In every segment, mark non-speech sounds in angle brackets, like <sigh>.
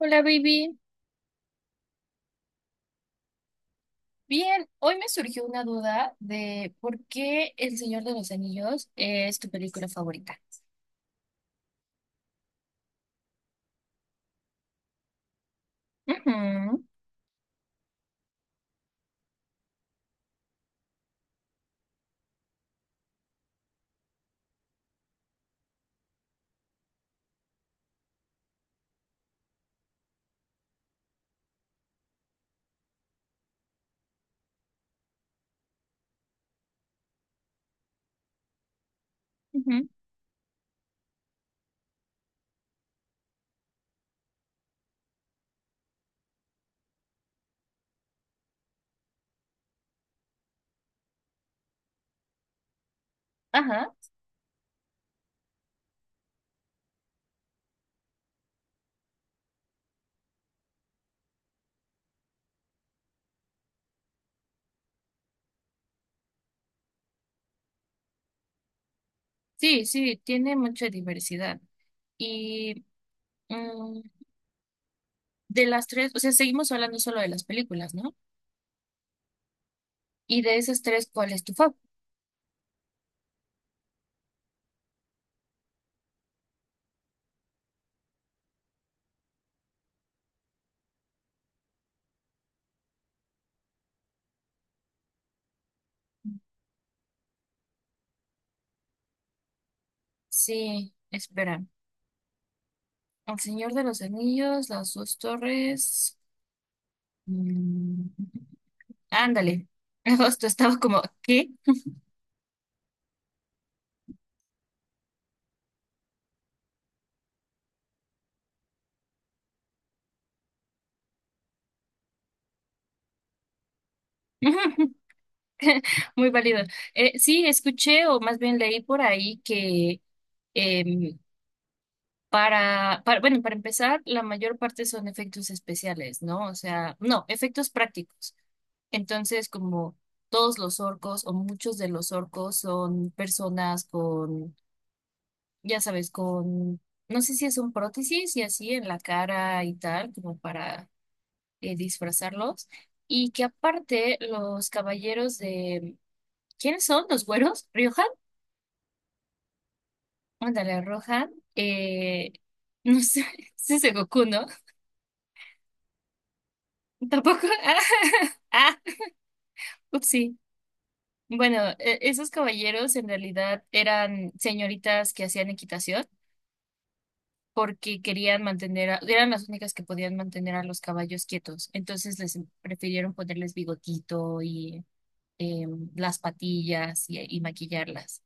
Hola, baby. Bien, hoy me surgió una duda de por qué El Señor de los Anillos es tu película favorita. Ujú, ujú. Ajá. Sí, sí, tiene mucha diversidad. Y mm, de las tres, o sea, seguimos hablando solo de las películas, ¿no? Y de esas tres, ¿cuál es tu fav? Sí, espera. El Señor de los Anillos, Las Dos Torres. mm, ándale. <laughs> Justo estaba como, ¿qué? <laughs> Muy válido. Sí, escuché o más bien leí por ahí que em, bueno, para empezar, la mayor parte son efectos especiales, ¿no? O sea, no, efectos prácticos. Entonces, como todos los orcos o muchos de los orcos son personas con, ya sabes, con, no sé si es un prótesis y así en la cara y tal, como para disfrazarlos. Y que aparte los caballeros de, ¿quiénes son? ¿Los güeros? ¿Rioja? Ándale, roja. Eh, no sé, <laughs> ese es Goku, ¿no? Tampoco. <laughs> Ah, ah, upsí. Bueno, esos caballeros en realidad eran señoritas que hacían equitación porque querían mantener, eran las únicas que podían mantener a los caballos quietos. Entonces les prefirieron ponerles bigotito y las patillas y maquillarlas.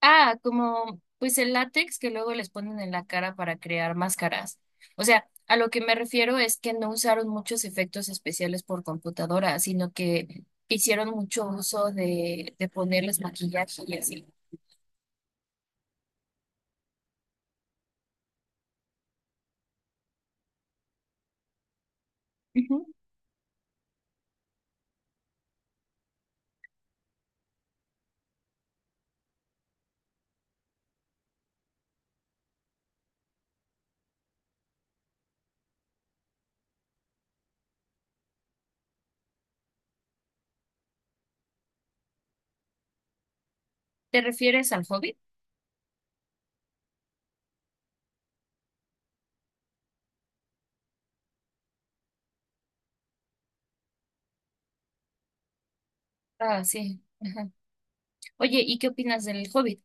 Ah, como pues el látex que luego les ponen en la cara para crear máscaras. O sea, a lo que me refiero es que no usaron muchos efectos especiales por computadora, sino que hicieron mucho uso de ponerles maquillaje y así. Ujú. ¿Te refieres al Hobbit? Ah, sí. Ajá. Oye, ¿y qué opinas del Hobbit?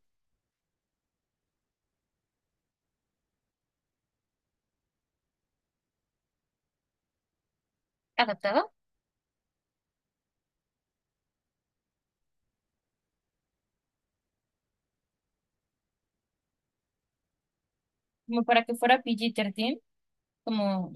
¿Adaptado? Como para que fuera PG-13, como,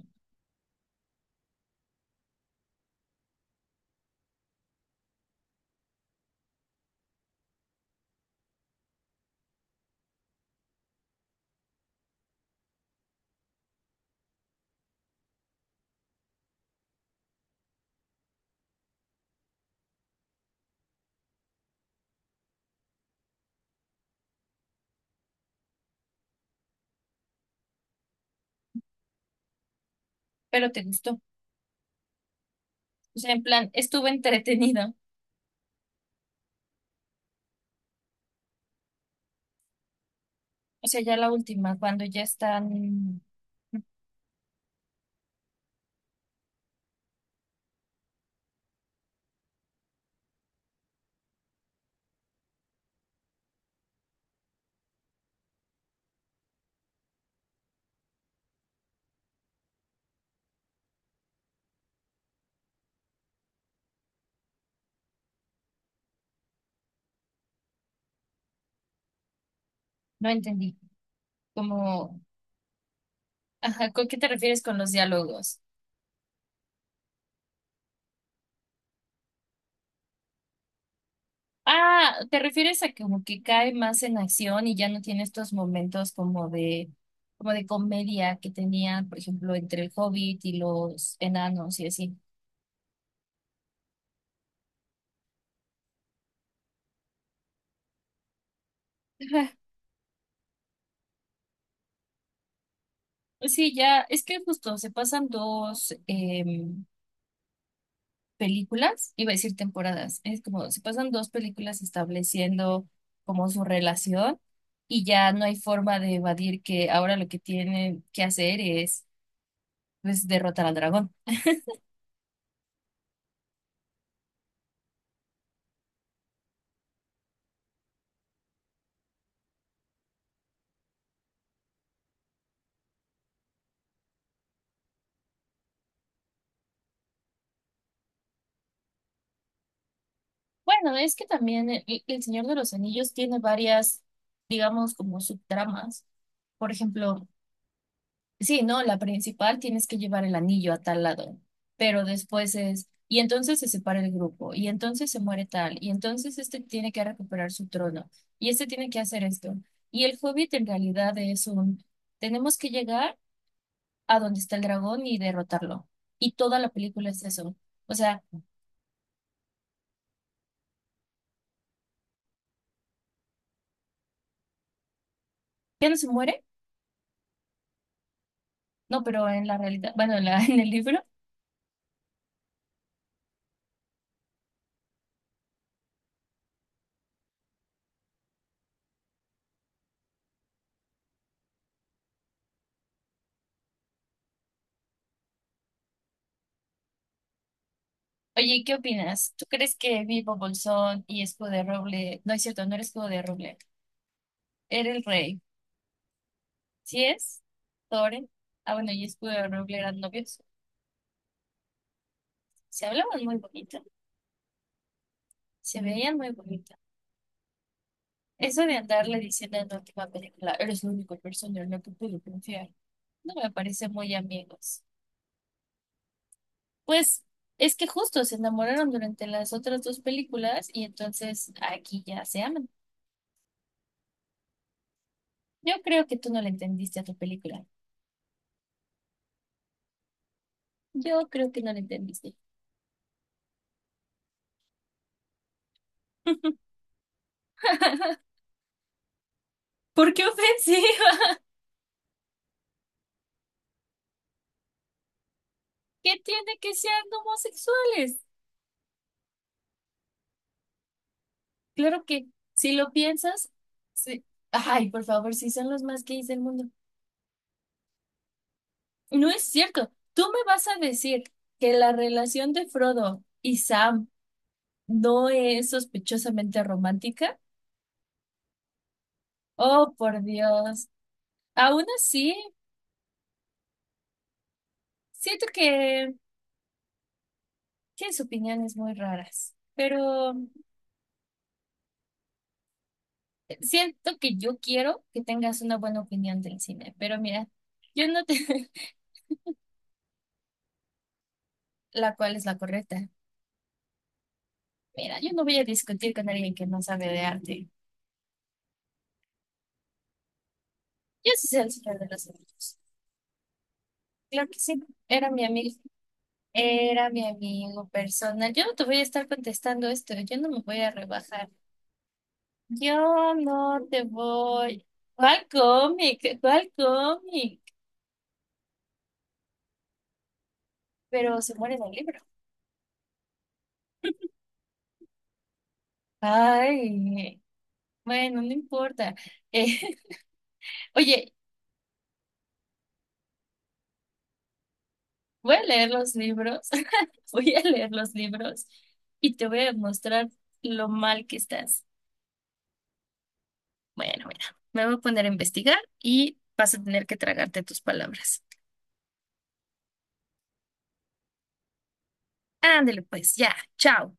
pero te gustó. O sea, en plan, estuvo entretenido. O sea, ya la última, cuando ya están, no entendí. Como, ajá, ¿con qué te refieres con los diálogos? Ah, ¿te refieres a como que cae más en acción y ya no tiene estos momentos como de comedia que tenía, por ejemplo, entre el Hobbit y los enanos y así? Ajá. Sí, ya, es que justo se pasan dos películas, iba a decir temporadas, es como se pasan dos películas estableciendo como su relación y ya no hay forma de evadir que ahora lo que tienen que hacer es pues derrotar al dragón. Bueno, es que también el Señor de los Anillos tiene varias, digamos, como subtramas. Por ejemplo, sí, ¿no? La principal tienes que llevar el anillo a tal lado, pero después es, y entonces se separa el grupo, y entonces se muere tal, y entonces este tiene que recuperar su trono, y este tiene que hacer esto. Y el Hobbit en realidad es un, tenemos que llegar a donde está el dragón y derrotarlo. Y toda la película es eso. O sea, ya no se muere. No, pero en la realidad, bueno, en la, <laughs> en el libro. Oye, ¿y ¿qué opinas? ¿Tú crees que Bilbo Bolsón y Escudo de Roble, no es cierto, no era Escudo de Roble, era el rey? ¿Sí es? ¿Thorin? Ah, bueno, y Escudo de Roble eran novios. Se hablaban muy bonito, se veían muy bonito. Eso de andarle diciendo en la última película, eres la única persona en la que puedo confiar, no me parece muy amigos. Pues es que justo se enamoraron durante las otras dos películas y entonces aquí ya se aman. Yo creo que tú no le entendiste a tu película. Yo creo que no le entendiste. <laughs> ¿Por qué ofensiva? ¿Qué <laughs> tiene que sean homosexuales? Claro que si lo piensas, sí. Ay, por favor, si son los más gays del mundo. No es cierto. Tú me vas a decir que la relación de Frodo y Sam no es sospechosamente romántica. Oh, por Dios. Aún así, siento que tienes opiniones muy raras, pero siento que yo quiero que tengas una buena opinión del cine, pero mira, yo no te... <laughs> la cual es la correcta. Mira, yo no voy a discutir con alguien que no sabe de arte. Yo sí sé el Señor de los Anillos. Claro que sí, era mi amigo, era mi amigo personal. Yo no te voy a estar contestando esto, yo no me voy a rebajar. Yo no te voy. ¿Cuál cómic? ¿Cuál cómic? Pero se muere en el libro. Ay, bueno, no importa. Eh, <laughs> Oye, voy a leer los libros, <laughs> voy a leer los libros y te voy a mostrar lo mal que estás. Bueno, mira, me voy a poner a investigar y vas a tener que tragarte tus palabras. Ándale pues, ya, chao.